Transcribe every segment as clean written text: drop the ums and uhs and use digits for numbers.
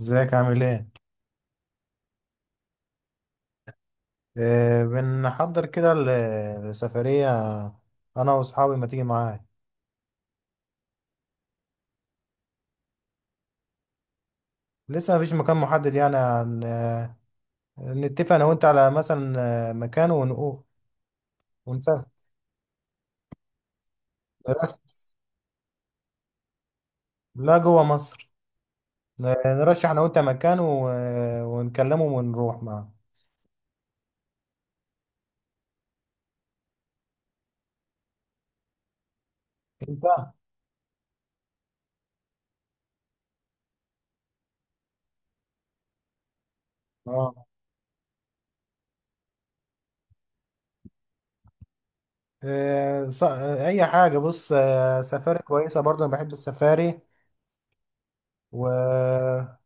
ازيك عامل ايه؟ بنحضر كده لسفرية انا واصحابي ما تيجي معايا. لسه مفيش مكان محدد، يعني عن آه نتفق انا وانت على مثلا مكان ونقول ونسافر. نرشح- لا، جوه مصر. نرشح انا وانت مكان ونكلمه ونروح معاه. انت. اه اي حاجة، بص، آه سفاري كويسة برضه، انا بحب السفاري والكلام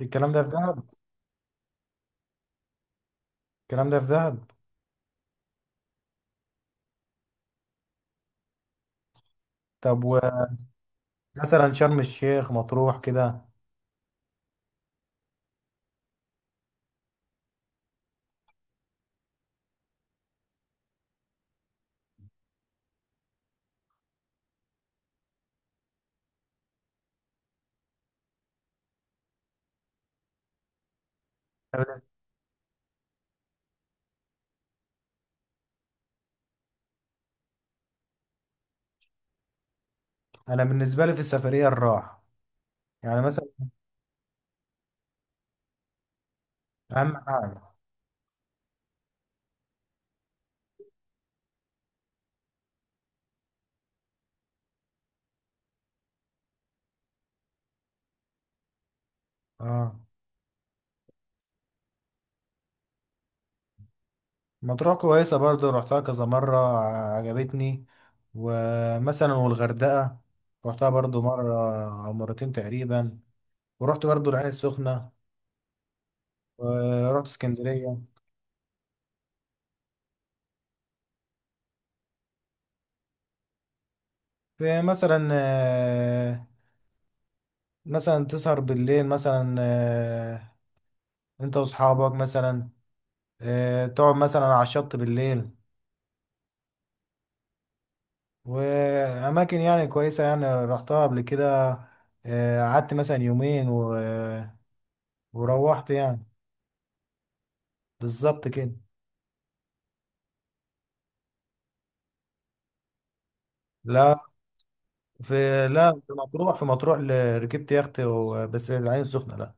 ده. في دهب؟ الكلام ده في دهب. طب مثلا شرم الشيخ، مطروح كده. انا بالنسبه لي في السفريه الراحه، يعني مثلا اهم حاجه. اه، مطروح كويسه برضو، رحتها كذا مره، عجبتني. ومثلا والغردقه رحتها برضو مره او مرتين تقريبا. ورحت برضو العين السخنه، ورحت اسكندريه. في مثلا مثلا تسهر بالليل مثلا، انت واصحابك مثلا، تقعد مثلا على الشط بالليل. وأماكن يعني كويسة، يعني رحتها قبل كده، قعدت مثلا يومين و... وروحت يعني. بالظبط كده. لا في لا في مطروح في مطروح ركبت يخت و... بس العين السخنة لا.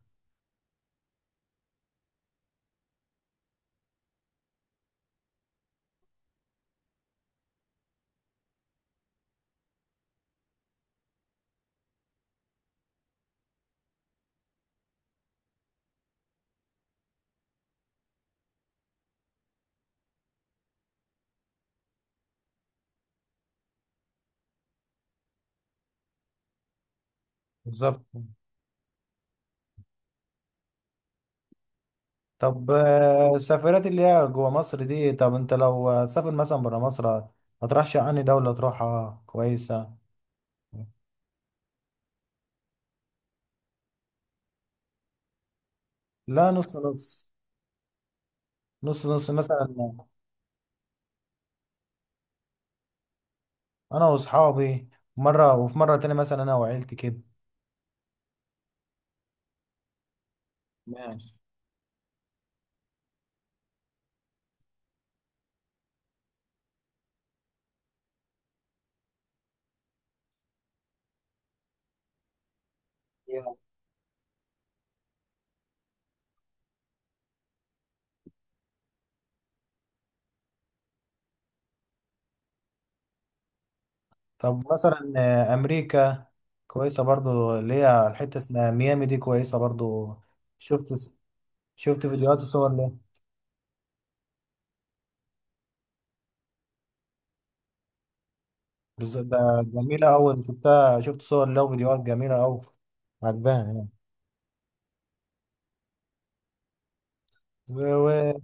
بالظبط. طب السفرات اللي هي جوا مصر دي، طب انت لو هتسافر مثلا برا مصر، ما ترشح عني دولة تروحها كويسة. لا، نص نص. نص نص مثلا، انا واصحابي مرة، وفي مرة تانية مثلا انا وعيلتي كده. ماشي. طب مثلا امريكا كويسه برضو، اللي هي الحته اسمها ميامي دي كويسه برضو. شفت، شفت فيديوهات وصور ليه. بالظبط، ده جميله أوي، شفتها، شفت صور لها وفيديوهات جميله أوي، عجباني يعني. و-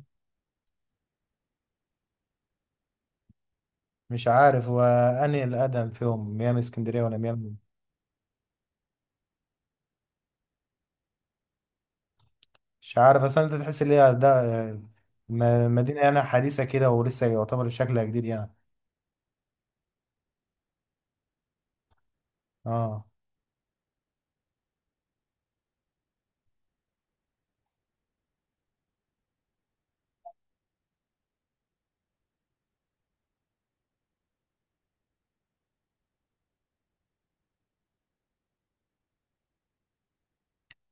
ومش عارف وأنهي الأقدم فيهم، ميامي اسكندرية ولا ميامي؟ مش عارف أصلا، أنت تحس إن هي ده مدينة يعني حديثة كده، ولسه يعتبر شكلها جديد يعني. اه.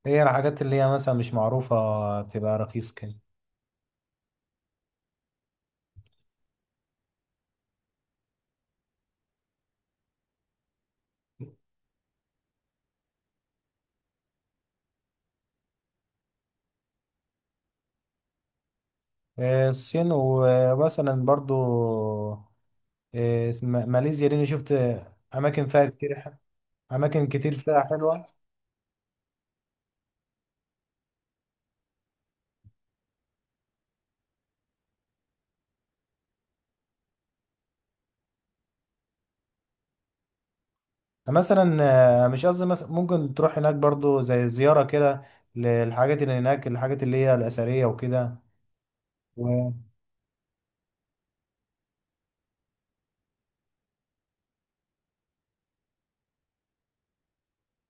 هي الحاجات اللي هي مثلا مش معروفة بتبقى رخيص كده. الصين، ومثلا برضو ماليزيا دي، أنا شفت أماكن فيها كتير أماكن كتير فيها حلوة. مثلا مش قصدي، مثلا ممكن تروح هناك برضو زي زيارة كده للحاجات اللي هناك، الحاجات اللي هي الأثرية وكده. و-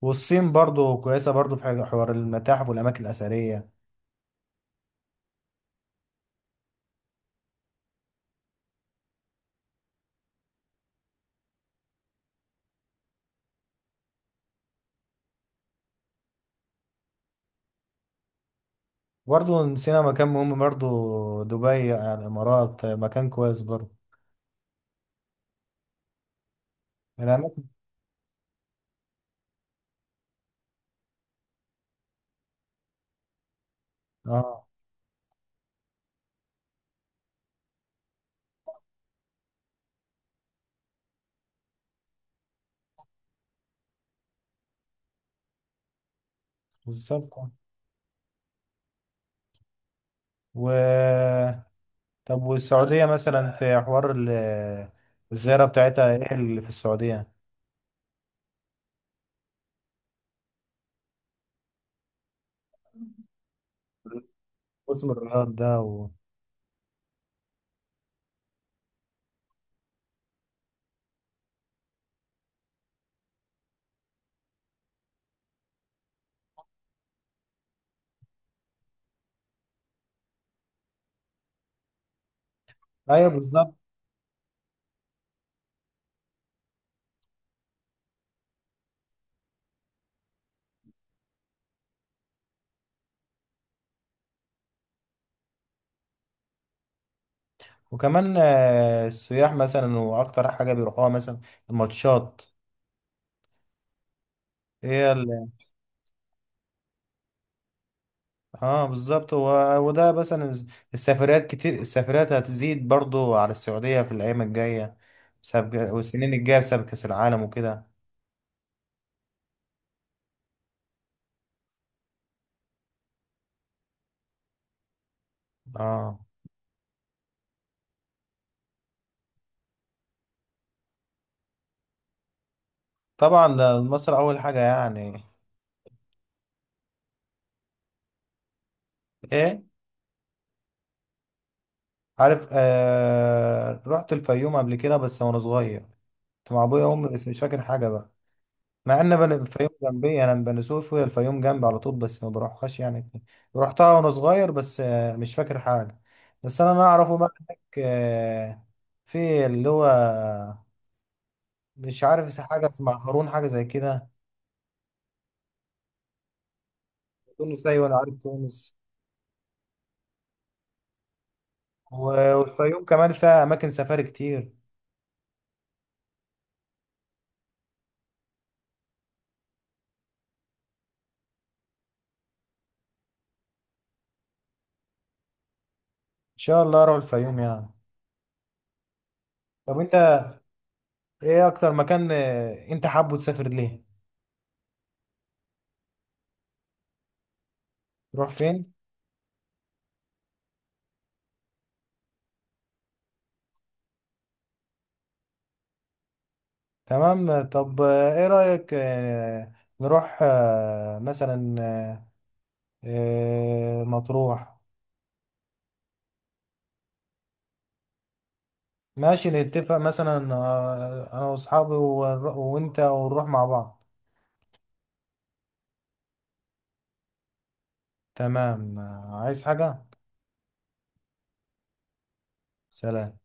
والصين برضو كويسة برضو، في حوار المتاحف والأماكن الأثرية. برضو نسينا مكان مهم برضو، دبي يعني الإمارات، مكان كويس برضو. الأماكن. اه بالظبط و. طب والسعودية مثلا، في حوار الزيارة بتاعتها، ايه اللي في السعودية؟ موسم الرياض ده و... ايوه بالظبط. وكمان السياح مثلا، واكتر حاجة بيروحوها مثلا الماتشات، هي ال... اه بالظبط و... وده مثلا السفريات كتير، السفريات هتزيد برضو على السعودية في الأيام الجاية بسبب، والسنين الجاية بسبب كأس العالم وكده. اه طبعا، ده مصر أول حاجة يعني. ايه؟ عارف، آه رحت الفيوم قبل كده بس وانا صغير، كنت مع ابويا وامي، بس مش فاكر حاجه بقى. مع ان الفيوم جنبي، انا من بني سويف، الفيوم جنبي على طول، بس ما بروحهاش يعني. رحتها وانا صغير بس، آه مش فاكر حاجه. بس انا اعرفه بقى هناك آه، في اللي هو، مش عارف إذا حاجه اسمها هارون، حاجه زي كده. تونس، ايوه انا عارف تونس. والفيوم كمان فيها اماكن سفاري كتير. ان شاء الله اروح الفيوم يعني. طب انت ايه اكتر مكان انت حابه تسافر ليه؟ نروح فين؟ تمام. طب ايه رأيك نروح مثلا مطروح؟ ماشي نتفق مثلا انا واصحابي وانت، ونروح مع بعض. تمام عايز حاجة؟ سلام.